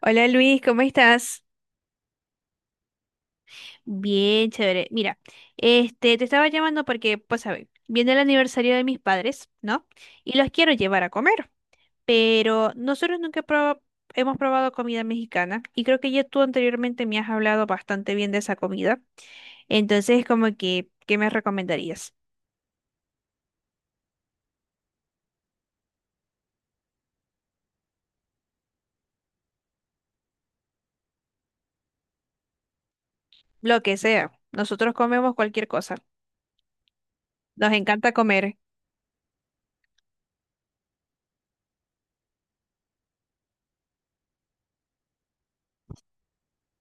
Hola Luis, ¿cómo estás? Bien, chévere. Mira, te estaba llamando porque, pues, a ver, viene el aniversario de mis padres, ¿no? Y los quiero llevar a comer, pero nosotros nunca hemos probado comida mexicana y creo que ya tú anteriormente me has hablado bastante bien de esa comida. Entonces, como que, ¿qué me recomendarías? Lo que sea. Nosotros comemos cualquier cosa. Nos encanta comer.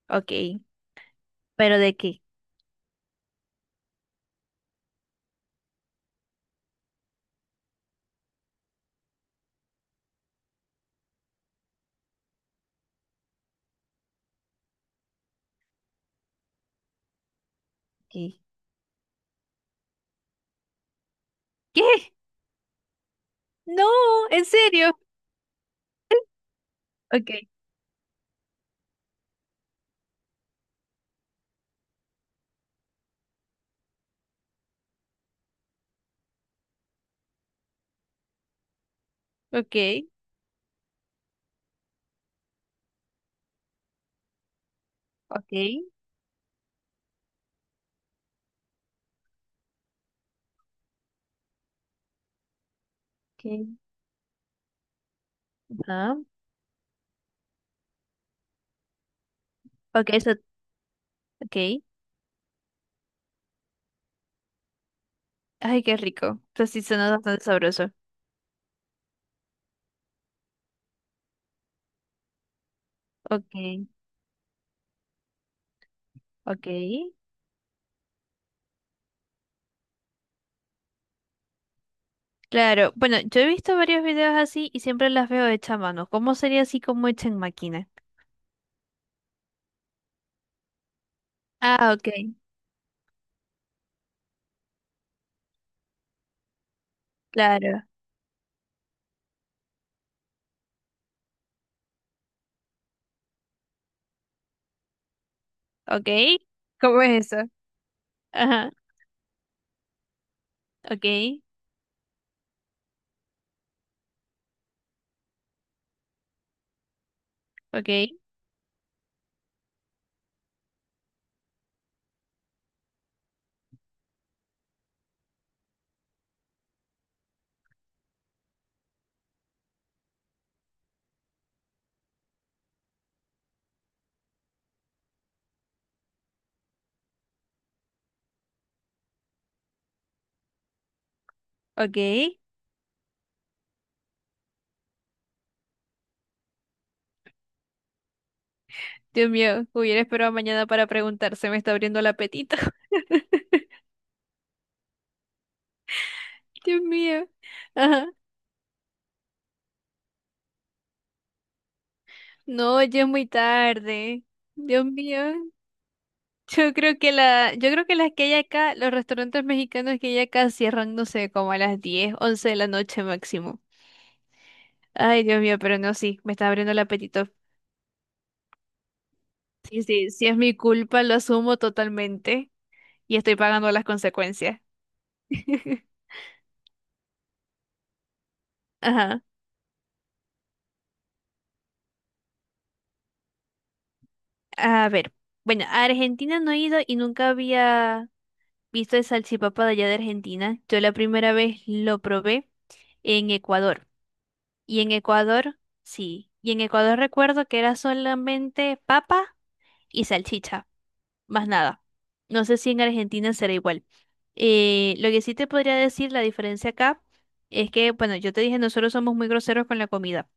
Ok, pero ¿de qué? ¿Qué? ¿Qué? No, ¿en serio? Ok, ok, ok. Okay. Ah, ok, eso, ok. Ay, qué rico. Esto sí suena bastante sabroso. Ok, ok. Claro, bueno, yo he visto varios videos así y siempre las veo hechas a mano. ¿Cómo sería así como hecha en máquina? Ah, ok, claro. Ok. ¿Cómo es eso? Ajá, ok, ok, ok. Dios mío, hubiera esperado mañana para preguntar, se me está abriendo el apetito. Dios mío. Ajá. No, ya es muy tarde. Dios mío. Yo creo que las que hay acá, los restaurantes mexicanos que hay acá cierran, no sé, como a las 10, 11 de la noche máximo. Ay, Dios mío, pero no, sí, me está abriendo el apetito. Sí, sí, sí es mi culpa, lo asumo totalmente y estoy pagando las consecuencias. Ajá. A ver, bueno, a Argentina no he ido y nunca había visto el salchipapa de allá de Argentina. Yo la primera vez lo probé en Ecuador. Y en Ecuador, sí. Y en Ecuador recuerdo que era solamente papa y salchicha, más nada. No sé si en Argentina será igual. Lo que sí te podría decir, la diferencia acá, es que, bueno, yo te dije, nosotros somos muy groseros con la comida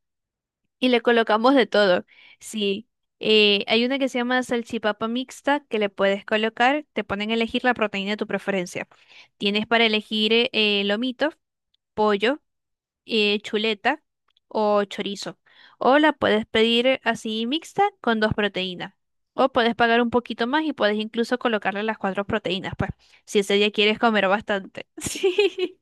y le colocamos de todo. Sí. Hay una que se llama salchipapa mixta que le puedes colocar, te ponen a elegir la proteína de tu preferencia. Tienes para elegir lomito, pollo chuleta o chorizo. O la puedes pedir así mixta con dos proteínas. O puedes pagar un poquito más y puedes incluso colocarle las cuatro proteínas, pues, si ese día quieres comer bastante. Sí.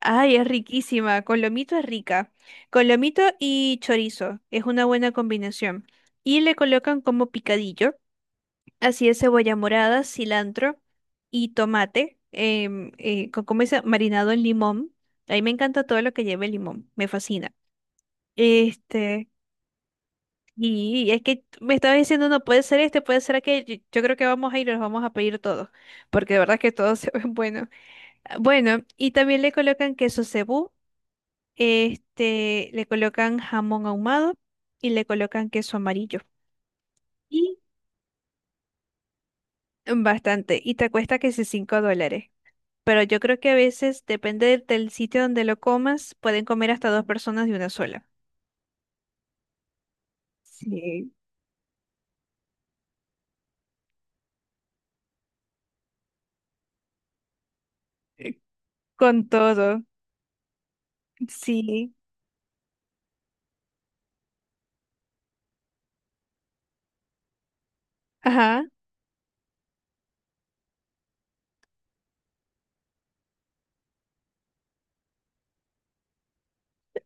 Ay, es riquísima. Con lomito es rica. Con lomito y chorizo es una buena combinación. Y le colocan como picadillo. Así es, cebolla morada, cilantro y tomate, ¿cómo dice? Marinado en limón. A mí me encanta todo lo que lleve limón, me fascina. Este, y es que me estaba diciendo, no puede ser este, puede ser aquel. Yo creo que vamos a ir, los vamos a pedir todos, porque de verdad que todos se ven buenos. Ah, bueno, y también le colocan queso cebú, le colocan jamón ahumado y le colocan queso amarillo. Y bastante, y te cuesta que si $5. Pero yo creo que a veces, depende del sitio donde lo comas, pueden comer hasta dos personas de una sola. Sí, eh, con todo, sí, ajá.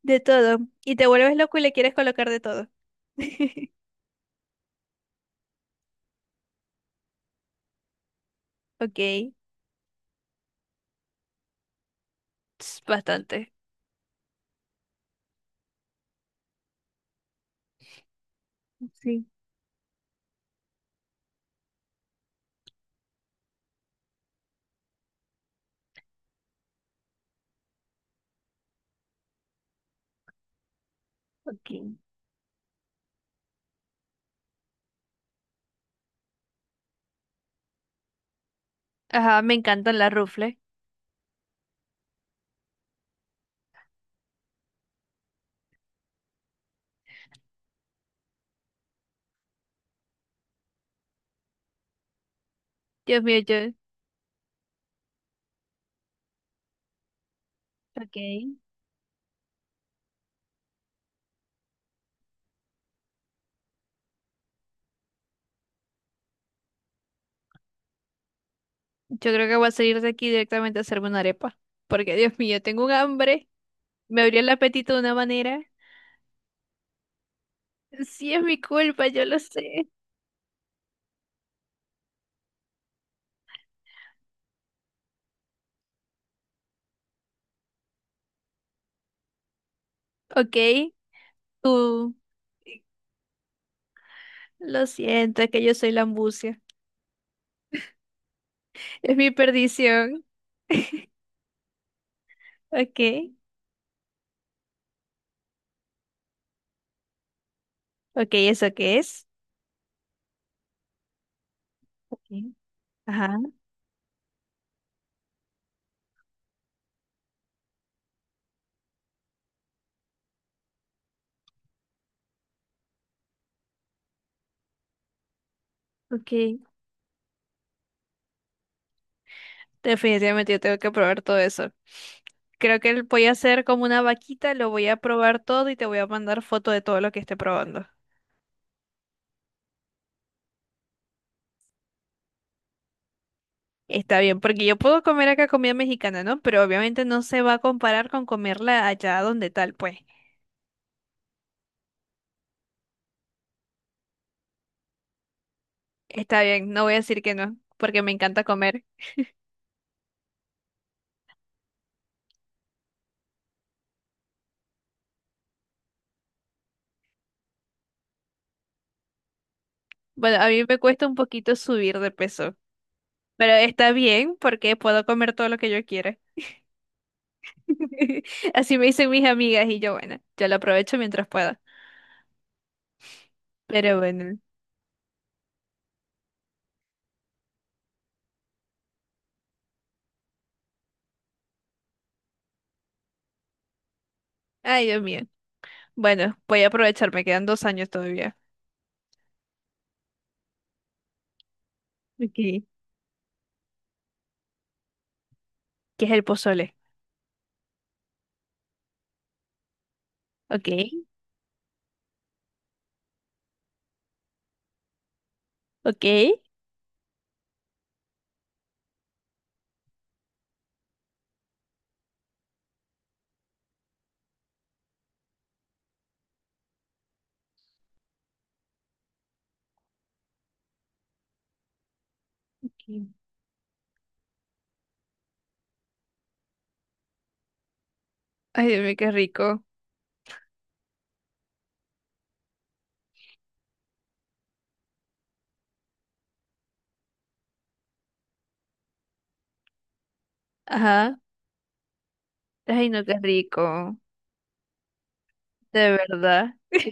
De todo. Y te vuelves loco y le quieres colocar de todo. Ok, es bastante. Sí, ok. Ajá, me encantan las rufles. Dios mío, Ok. Yo creo que voy a salir de aquí directamente a hacerme una arepa. Porque, Dios mío, tengo un hambre. Me abrió el apetito de una manera. Sí, es mi culpa, yo lo sé. Ok, Tú, lo siento, es que yo soy la ambucia. Es mi perdición. Ok, ok, ¿eso qué es? Ok, ajá, ok. Definitivamente yo tengo que probar todo eso. Creo que voy a hacer como una vaquita, lo voy a probar todo y te voy a mandar foto de todo lo que esté probando. Está bien, porque yo puedo comer acá comida mexicana, ¿no? Pero obviamente no se va a comparar con comerla allá donde tal, pues. Está bien, no voy a decir que no, porque me encanta comer. Bueno, a mí me cuesta un poquito subir de peso. Pero está bien porque puedo comer todo lo que yo quiera. Así me dicen mis amigas y yo, bueno, yo lo aprovecho mientras pueda. Pero bueno, ay Dios mío. Bueno, voy a aprovechar, me quedan 2 años todavía. Ok. ¿Qué es el pozole? Ok, ok. Mm. Ay Dios mío, qué rico. Ajá. Ay, no, qué rico. De verdad.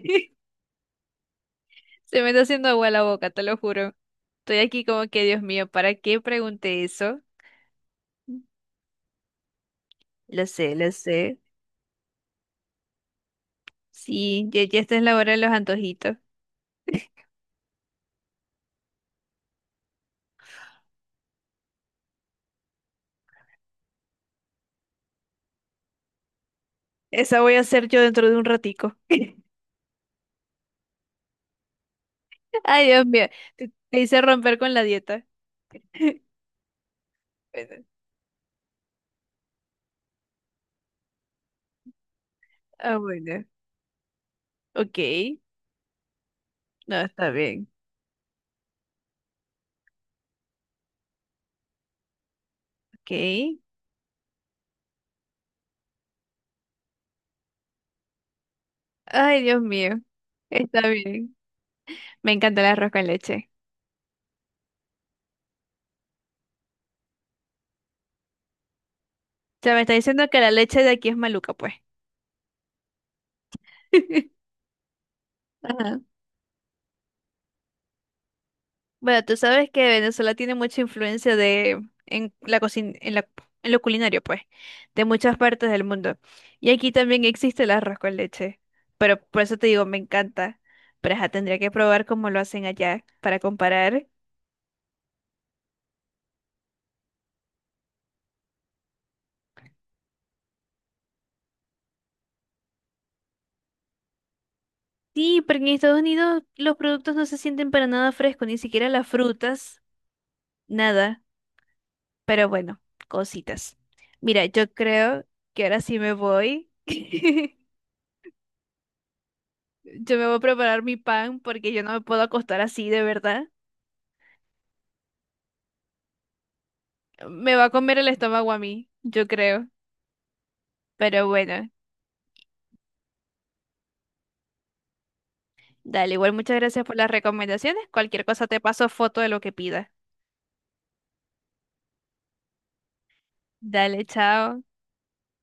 Se me está haciendo agua la boca, te lo juro. Estoy aquí como que, Dios mío, ¿para qué pregunté eso? Lo sé, lo sé. Sí, ya, ya esta es la hora de los antojitos. Esa voy a hacer yo dentro de un ratico. Ay, Dios mío, te hice romper con la dieta. Bueno, ah, bueno. Ok. No, está bien. Ok. Ay, Dios mío. Está bien. Me encanta el arroz con leche. O sea, me está diciendo que la leche de aquí es maluca, pues. Ajá. Bueno, tú sabes que Venezuela tiene mucha influencia de en la cocina, en lo culinario, pues, de muchas partes del mundo. Y aquí también existe el arroz con leche. Pero por eso te digo, me encanta. Pero ajá, tendría que probar cómo lo hacen allá para comparar. Sí, porque en Estados Unidos los productos no se sienten para nada frescos, ni siquiera las frutas, nada. Pero bueno, cositas. Mira, yo creo que ahora sí me voy. Yo me voy a preparar mi pan porque yo no me puedo acostar así, de verdad. Me va a comer el estómago a mí, yo creo. Pero bueno, dale, igual muchas gracias por las recomendaciones. Cualquier cosa te paso foto de lo que pida. Dale, chao.